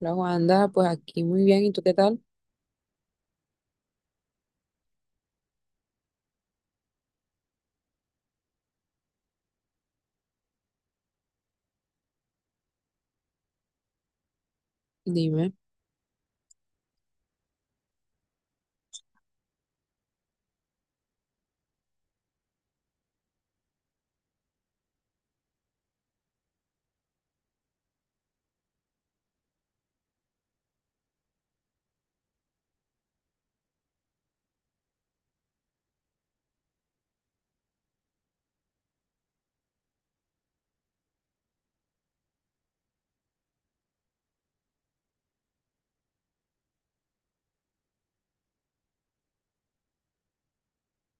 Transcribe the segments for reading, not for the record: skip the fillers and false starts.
La Wanda, pues aquí muy bien, ¿y tú qué tal? Dime,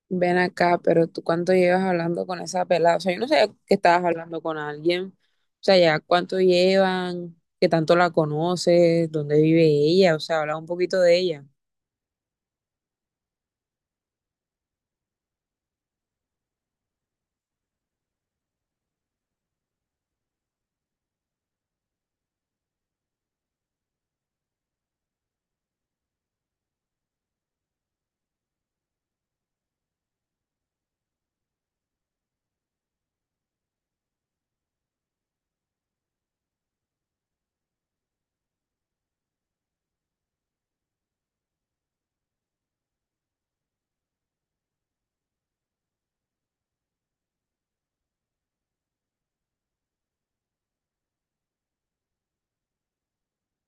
ven acá, pero ¿tú cuánto llevas hablando con esa pelada? O sea, yo no sé que estabas hablando con alguien, o sea, ya cuánto llevan, qué tanto la conoces, dónde vive ella, o sea, habla un poquito de ella.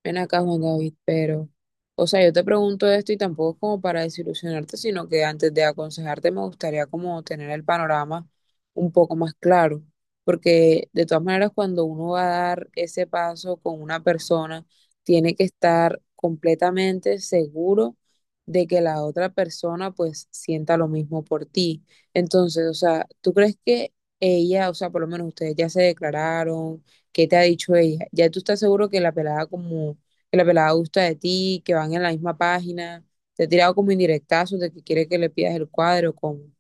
Ven acá, Juan David, pero, o sea, yo te pregunto esto y tampoco es como para desilusionarte, sino que antes de aconsejarte me gustaría como tener el panorama un poco más claro, porque de todas maneras cuando uno va a dar ese paso con una persona, tiene que estar completamente seguro de que la otra persona pues sienta lo mismo por ti. Entonces, o sea, ¿tú crees que ella, o sea, por lo menos ustedes ya se declararon? ¿Qué te ha dicho ella? Ya tú estás seguro que la pelada gusta de ti, que van en la misma página, te ha tirado como indirectazos de que quiere que le pidas el cuadro, como,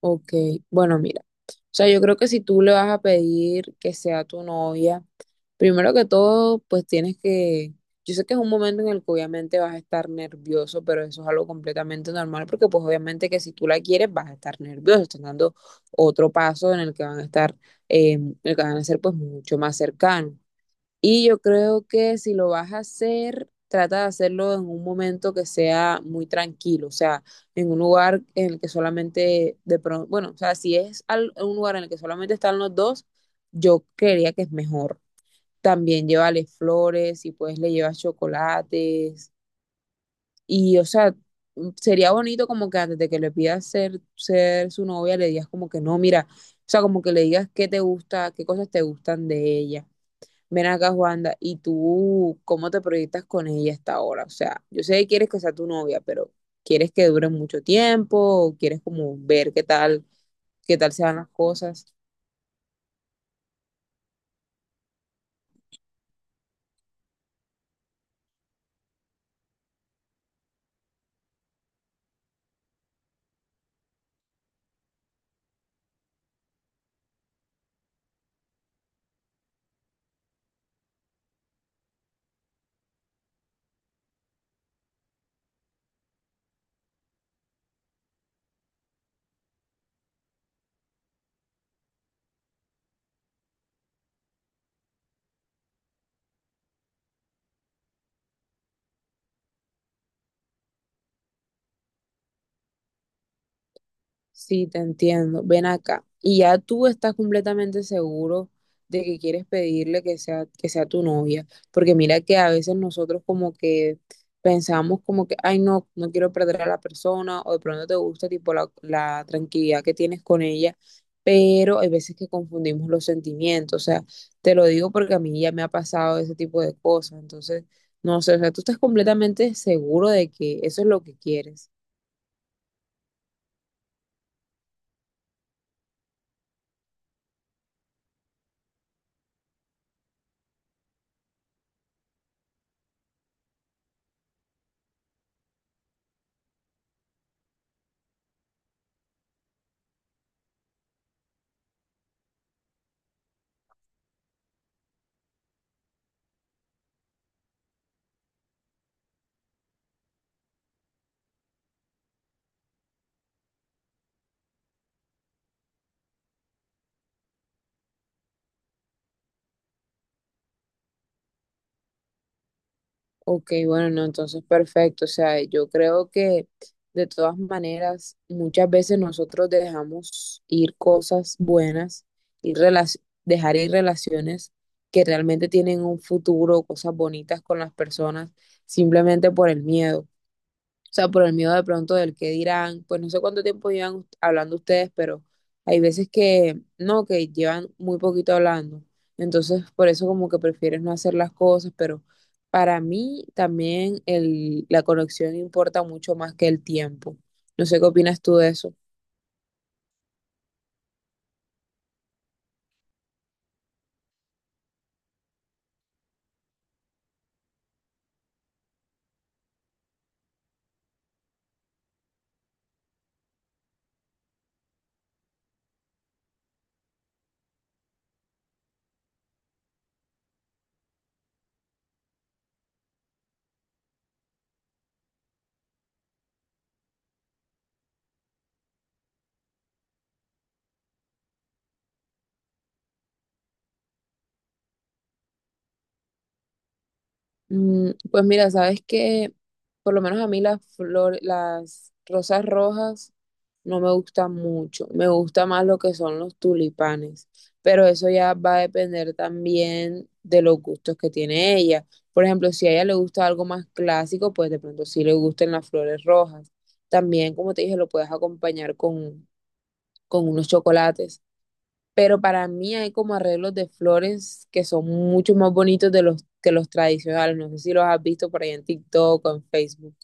ok. Bueno, mira, o sea, yo creo que si tú le vas a pedir que sea tu novia, primero que todo, pues tienes que, yo sé que es un momento en el que obviamente vas a estar nervioso, pero eso es algo completamente normal, porque pues obviamente que si tú la quieres vas a estar nervioso, estás dando otro paso en el que van a estar, en el que van a ser pues mucho más cercanos. Y yo creo que si lo vas a hacer, trata de hacerlo en un momento que sea muy tranquilo, o sea, en un lugar en el que solamente de pronto, bueno, o sea, si es un lugar en el que solamente están los dos, yo creería que es mejor. También llévale flores, si puedes le llevas chocolates y, o sea, sería bonito como que antes de que le pidas ser, ser su novia, le digas como que no, mira, o sea, como que le digas qué te gusta, qué cosas te gustan de ella. Ven acá, Juanda, ¿y tú cómo te proyectas con ella hasta ahora? O sea, yo sé que quieres que sea tu novia, pero ¿quieres que dure mucho tiempo? ¿O ¿quieres como ver qué tal se van las cosas? Sí, te entiendo. Ven acá. Y ya tú estás completamente seguro de que quieres pedirle que sea tu novia. Porque mira que a veces nosotros como que pensamos como que, ay, no, no quiero perder a la persona o de pronto te gusta tipo la tranquilidad que tienes con ella. Pero hay veces que confundimos los sentimientos. O sea, te lo digo porque a mí ya me ha pasado ese tipo de cosas. Entonces, no sé, o sea, tú estás completamente seguro de que eso es lo que quieres. Ok, bueno, no, entonces perfecto. O sea, yo creo que de todas maneras, muchas veces nosotros dejamos ir cosas buenas y dejar ir relaciones que realmente tienen un futuro, cosas bonitas con las personas, simplemente por el miedo. O sea, por el miedo de pronto del qué dirán, pues no sé cuánto tiempo llevan hablando ustedes, pero hay veces que no, que llevan muy poquito hablando. Entonces, por eso como que prefieres no hacer las cosas, pero para mí también la conexión importa mucho más que el tiempo. No sé qué opinas tú de eso. Mm, pues mira, sabes que por lo menos a mí las flores, las rosas rojas no me gustan mucho. Me gusta más lo que son los tulipanes, pero eso ya va a depender también de los gustos que tiene ella. Por ejemplo, si a ella le gusta algo más clásico, pues de pronto sí le gusten las flores rojas. También, como te dije, lo puedes acompañar con unos chocolates, pero para mí hay como arreglos de flores que son mucho más bonitos de los que los tradicionales. No sé si los has visto por ahí en TikTok o en Facebook.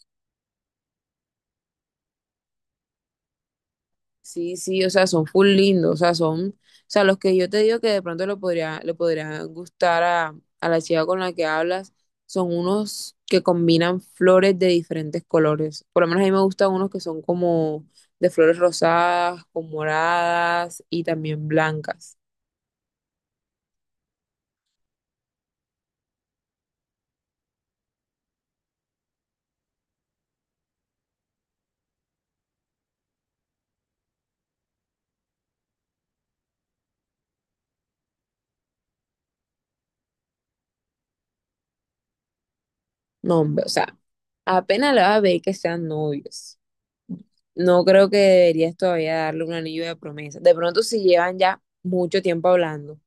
Sí, sí, o sea, son full lindos, o sea, son, o sea, los que yo te digo que de pronto le podría gustar a la chica con la que hablas, son unos que combinan flores de diferentes colores. Por lo menos a mí me gustan unos que son como de flores rosadas, con moradas y también blancas. No, hombre, o sea, apenas la vas a ver que sean novios. No creo que deberías todavía darle un anillo de promesa. De pronto, si llevan ya mucho tiempo hablando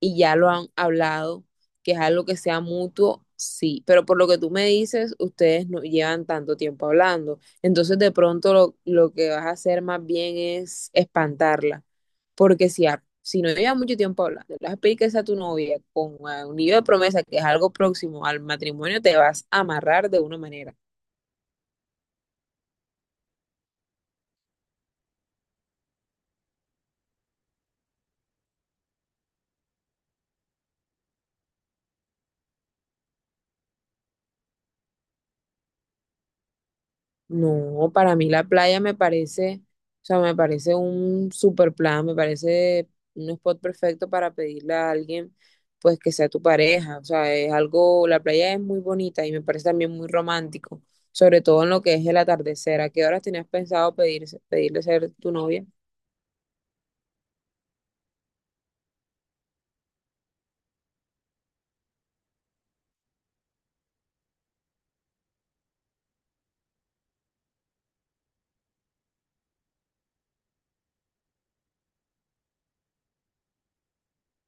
y ya lo han hablado, que es algo que sea mutuo, sí. Pero por lo que tú me dices, ustedes no llevan tanto tiempo hablando. Entonces, de pronto, lo que vas a hacer más bien es espantarla. Porque si, si no llevan mucho tiempo hablando, le vas a pedir que sea tu novia con un anillo de promesa, que es algo próximo al matrimonio, te vas a amarrar de una manera. No, para mí la playa me parece, o sea, me parece un super plan, me parece un spot perfecto para pedirle a alguien, pues que sea tu pareja, o sea, es algo, la playa es muy bonita y me parece también muy romántico, sobre todo en lo que es el atardecer. ¿A qué horas tenías pensado pedir, pedirle ser tu novia?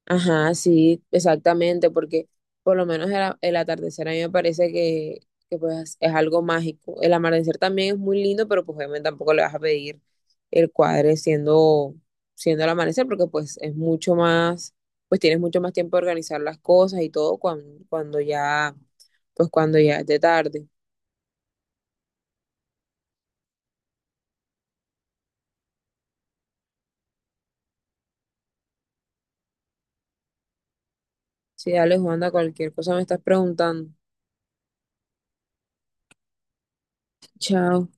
Ajá, sí, exactamente, porque por lo menos el, el atardecer a mí me parece que pues es algo mágico. El amanecer también es muy lindo, pero pues obviamente tampoco le vas a pedir el cuadre siendo, siendo el amanecer, porque pues es mucho más, pues tienes mucho más tiempo de organizar las cosas y todo cuando, cuando ya, pues cuando ya es de tarde. Sí, dale, Juanda, cualquier cosa me estás preguntando. Chao.